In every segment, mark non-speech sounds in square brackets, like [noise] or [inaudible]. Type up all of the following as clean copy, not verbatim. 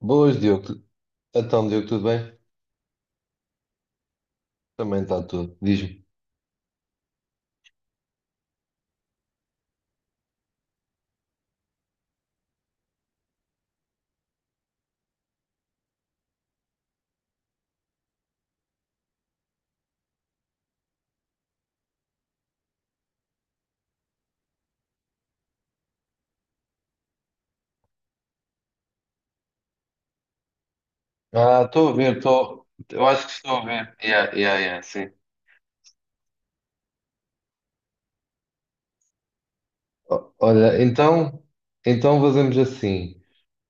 Boas, Diogo. Então, Diogo, tudo bem? Também está tudo. Diz-me. Ah, estou a ver, estou. Eu acho que estou a ver. Yeah, yeah, yeah, sim. Olha, então fazemos assim.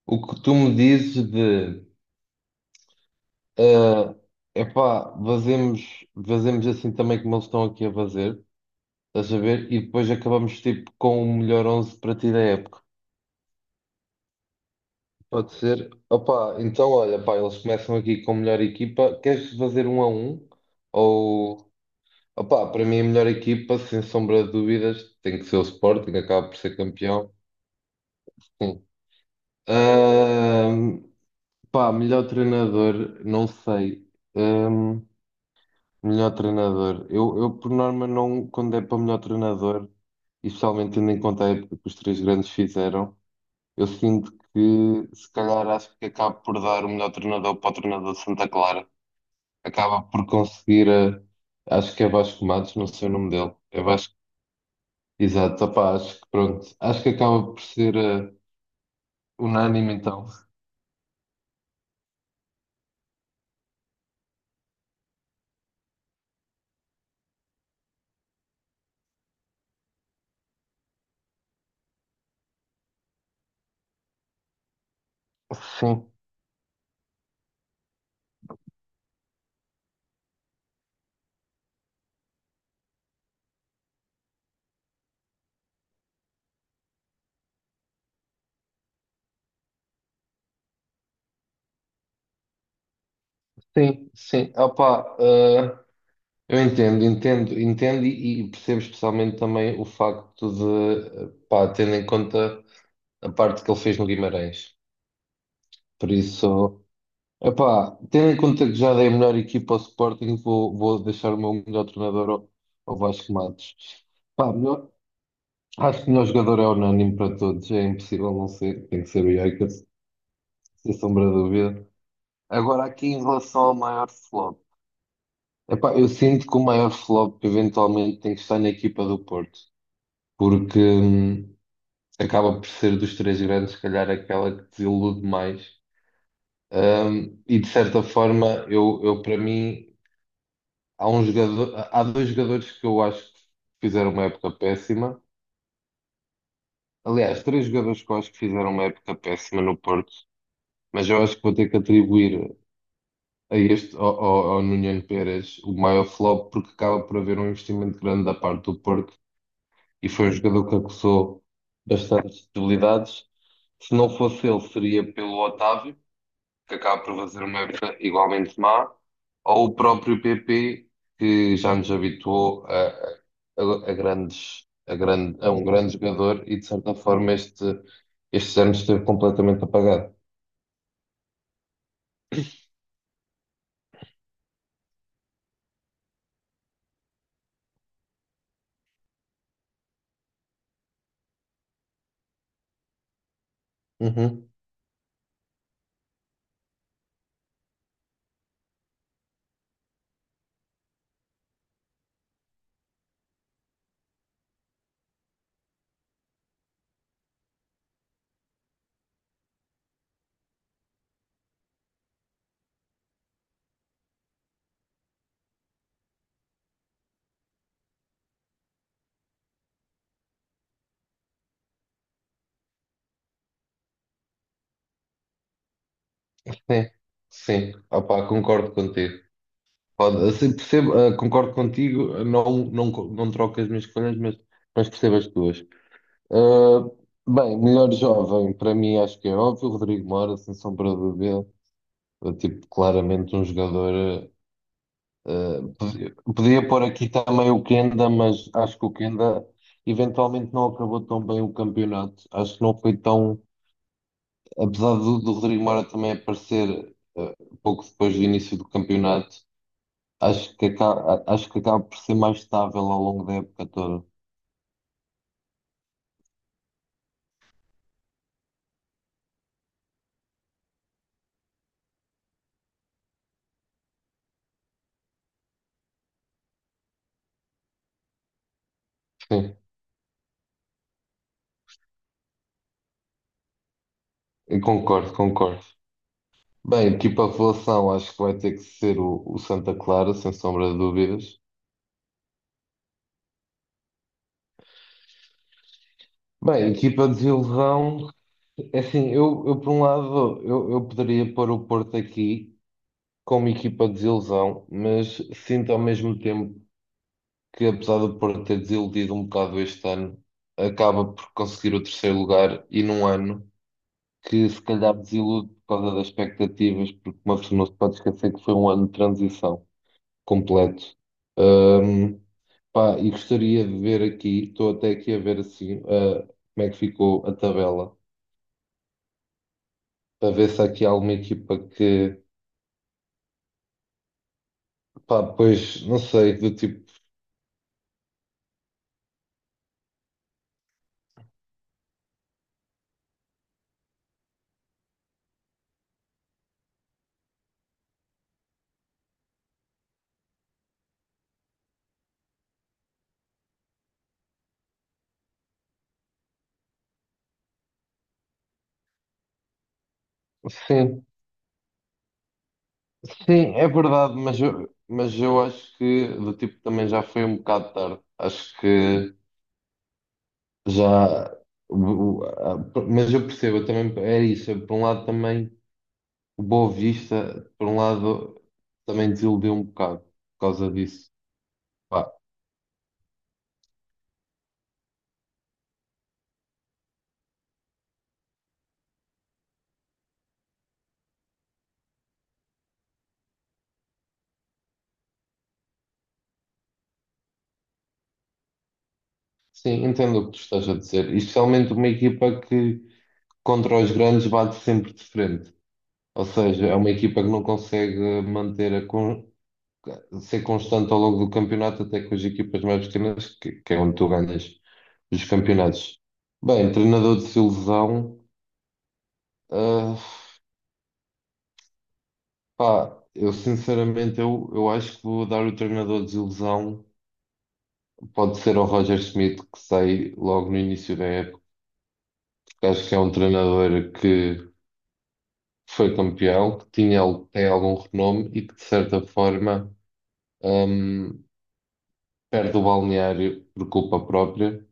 O que tu me dizes de. ah, epá, fazemos assim também como eles estão aqui a fazer. Estás a ver? E depois acabamos tipo com o melhor 11 para ti da época. Pode ser. Opa, então olha, pá, eles começam aqui com a melhor equipa. Queres fazer um a um? Ou. Opa, para mim a melhor equipa, sem sombra de dúvidas, tem que ser o Sporting, acaba por ser campeão. Hum. Ahm, pá, melhor treinador, não sei. Ahm, melhor treinador. Eu, por norma, não, quando é para melhor treinador, e especialmente tendo em conta a época que os três grandes fizeram, eu sinto que, se calhar, acho que acabo por dar o melhor treinador para o treinador de Santa Clara. Acaba por conseguir, acho que é Vasco Matos, não sei o nome dele. É Exato, opá, acho que pronto, acho que acaba por ser unânime então. Sim, sim, sim, opá, eu entendo, entendo, entendo e percebo especialmente também o facto de, pá, tendo em conta a parte que ele fez no Guimarães. Por isso, opá, tendo em conta que já dei a melhor equipa ao Sporting, vou deixar o meu melhor treinador ao Vasco Matos. Pá, acho que o melhor jogador é unânime para todos, é impossível não ser, tem que ser o Jaikas. Sem sombra de dúvida. Agora, aqui em relação ao maior flop, epá, eu sinto que o maior flop eventualmente tem que estar na equipa do Porto, porque acaba por ser dos três grandes, se calhar aquela que desilude mais. E de certa forma, eu para mim, há um jogador, há dois jogadores que eu acho que fizeram uma época péssima. Aliás, três jogadores que eu acho que fizeram uma época péssima no Porto, mas eu acho que vou ter que atribuir a este, ao Nuno Pérez, o maior flop, porque acaba por haver um investimento grande da parte do Porto e foi um jogador que acusou bastantes debilidades. Se não fosse ele, seria pelo Otávio, que acaba por fazer uma época igualmente má, ou o próprio PP, que já nos habituou a um grande jogador e, de certa forma, estes anos esteve completamente apagado. Uhum. Sim, sim, opá, concordo contigo. Pode, assim, percebo, concordo contigo, não, não, não troco as minhas escolhas, mas percebo as tuas. Ah, bem, melhor jovem, para mim acho que é óbvio, Rodrigo Mora, sem sombra de dúvida. Ah, tipo, claramente um jogador. Podia pôr aqui também o Kenda, mas acho que o Kenda eventualmente não acabou tão bem o campeonato. Acho que não foi tão. Apesar do Rodrigo Mora também aparecer pouco depois do início do campeonato. Acho que acaba por ser mais estável ao longo da época toda. Sim, eu concordo, concordo. Bem, equipa revelação, acho que vai ter que ser o Santa Clara, sem sombra de dúvidas. Bem, equipa desilusão, é assim, eu por um lado, eu poderia pôr o Porto aqui como equipa desilusão, mas sinto ao mesmo tempo que, apesar do Porto ter desiludido um bocado este ano, acaba por conseguir o terceiro lugar e num ano que se calhar desilude por causa das expectativas, porque uma pessoa não se pode esquecer que foi um ano de transição completo. Ahm, pá, e gostaria de ver aqui, estou até aqui a ver assim, como é que ficou a tabela, para ver se há aqui alguma equipa que, pá, pois, não sei, do tipo, sim, sim, é verdade, mas eu acho que do tipo também já foi um bocado tarde, acho que já. o- o- a- Mas eu percebo, eu também é isso. Por um lado, também o Boa Vista, por um lado, também desiludiu um bocado por causa disso. Pá, sim, entendo o que tu estás a dizer. E especialmente uma equipa que contra os grandes bate sempre de frente. Ou seja, é uma equipa que não consegue manter a con- ser constante ao longo do campeonato, até com as equipas mais pequenas, que é onde tu ganhas os campeonatos. Bem, treinador de desilusão, ah, pá, eu sinceramente eu acho que vou dar o treinador de desilusão. Pode ser o Roger Schmidt que sai logo no início da época, porque acho que é um treinador que foi campeão, que tinha, tem algum renome e que de certa forma hum, perde o balneário por culpa própria.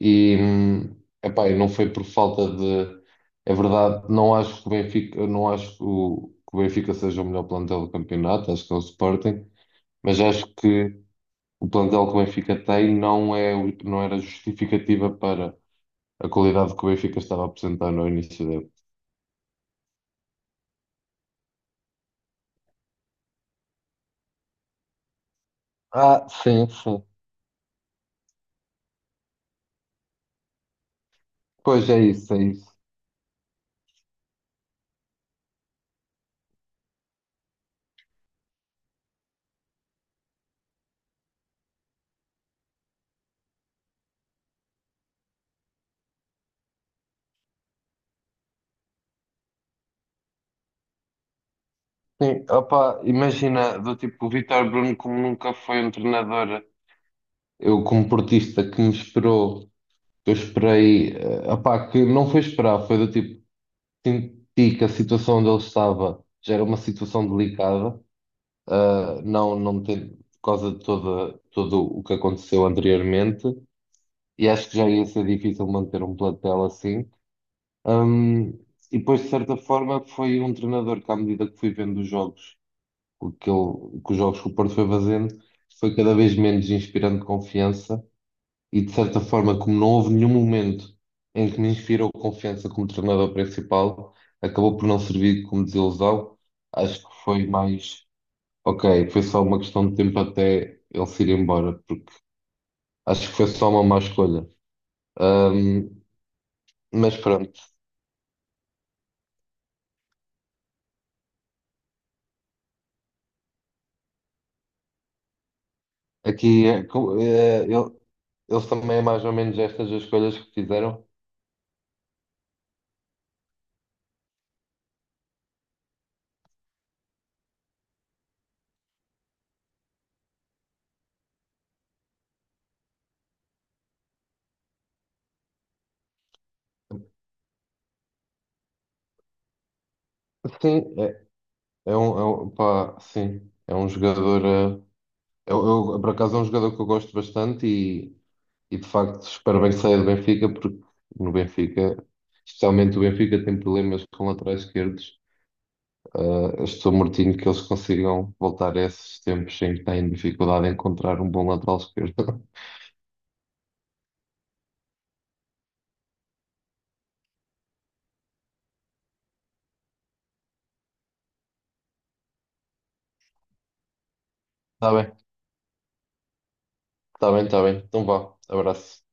E epá, e não foi por falta de. É verdade, não acho que o Benfica, eu não acho que o Benfica seja o melhor plantel do campeonato, acho que é o Sporting, mas acho que o plantel que o Benfica tem não é, não era justificativa para a qualidade que o Benfica estava a apresentar no início da época. Ah, sim, sim. Pois é isso, é isso. Sim, opa, imagina, do tipo, o Vítor Bruno, como nunca foi um treinador, eu como portista que me esperou, que eu esperei, opá, que não foi esperar, foi do tipo, senti que a situação onde ele estava já era uma situação delicada, não, não ter, por causa de toda, todo o que aconteceu anteriormente, e acho que já ia ser difícil manter um plantel assim. Um, e depois, de certa forma, foi um treinador que, à medida que fui vendo os jogos, que os jogos que o Porto foi fazendo, foi cada vez menos inspirando confiança. E, de certa forma, como não houve nenhum momento em que me inspirou confiança como treinador principal, acabou por não servir como desilusão. Acho que foi mais, ok, foi só uma questão de tempo até ele se ir embora, porque acho que foi só uma má escolha. Um, mas pronto. Aqui, eles também é mais ou menos estas as escolhas que fizeram. Sim, é, pá, sim, é um jogador. Eu, eu, por acaso é um jogador que eu gosto bastante e de facto espero bem que saia do Benfica, porque no Benfica, especialmente o Benfica, tem problemas com laterais esquerdos. Eu estou mortinho que eles consigam voltar a esses tempos em que têm dificuldade em encontrar um bom lateral esquerdo. [laughs] Está bem, está bem, está bem. Então vá, abraço.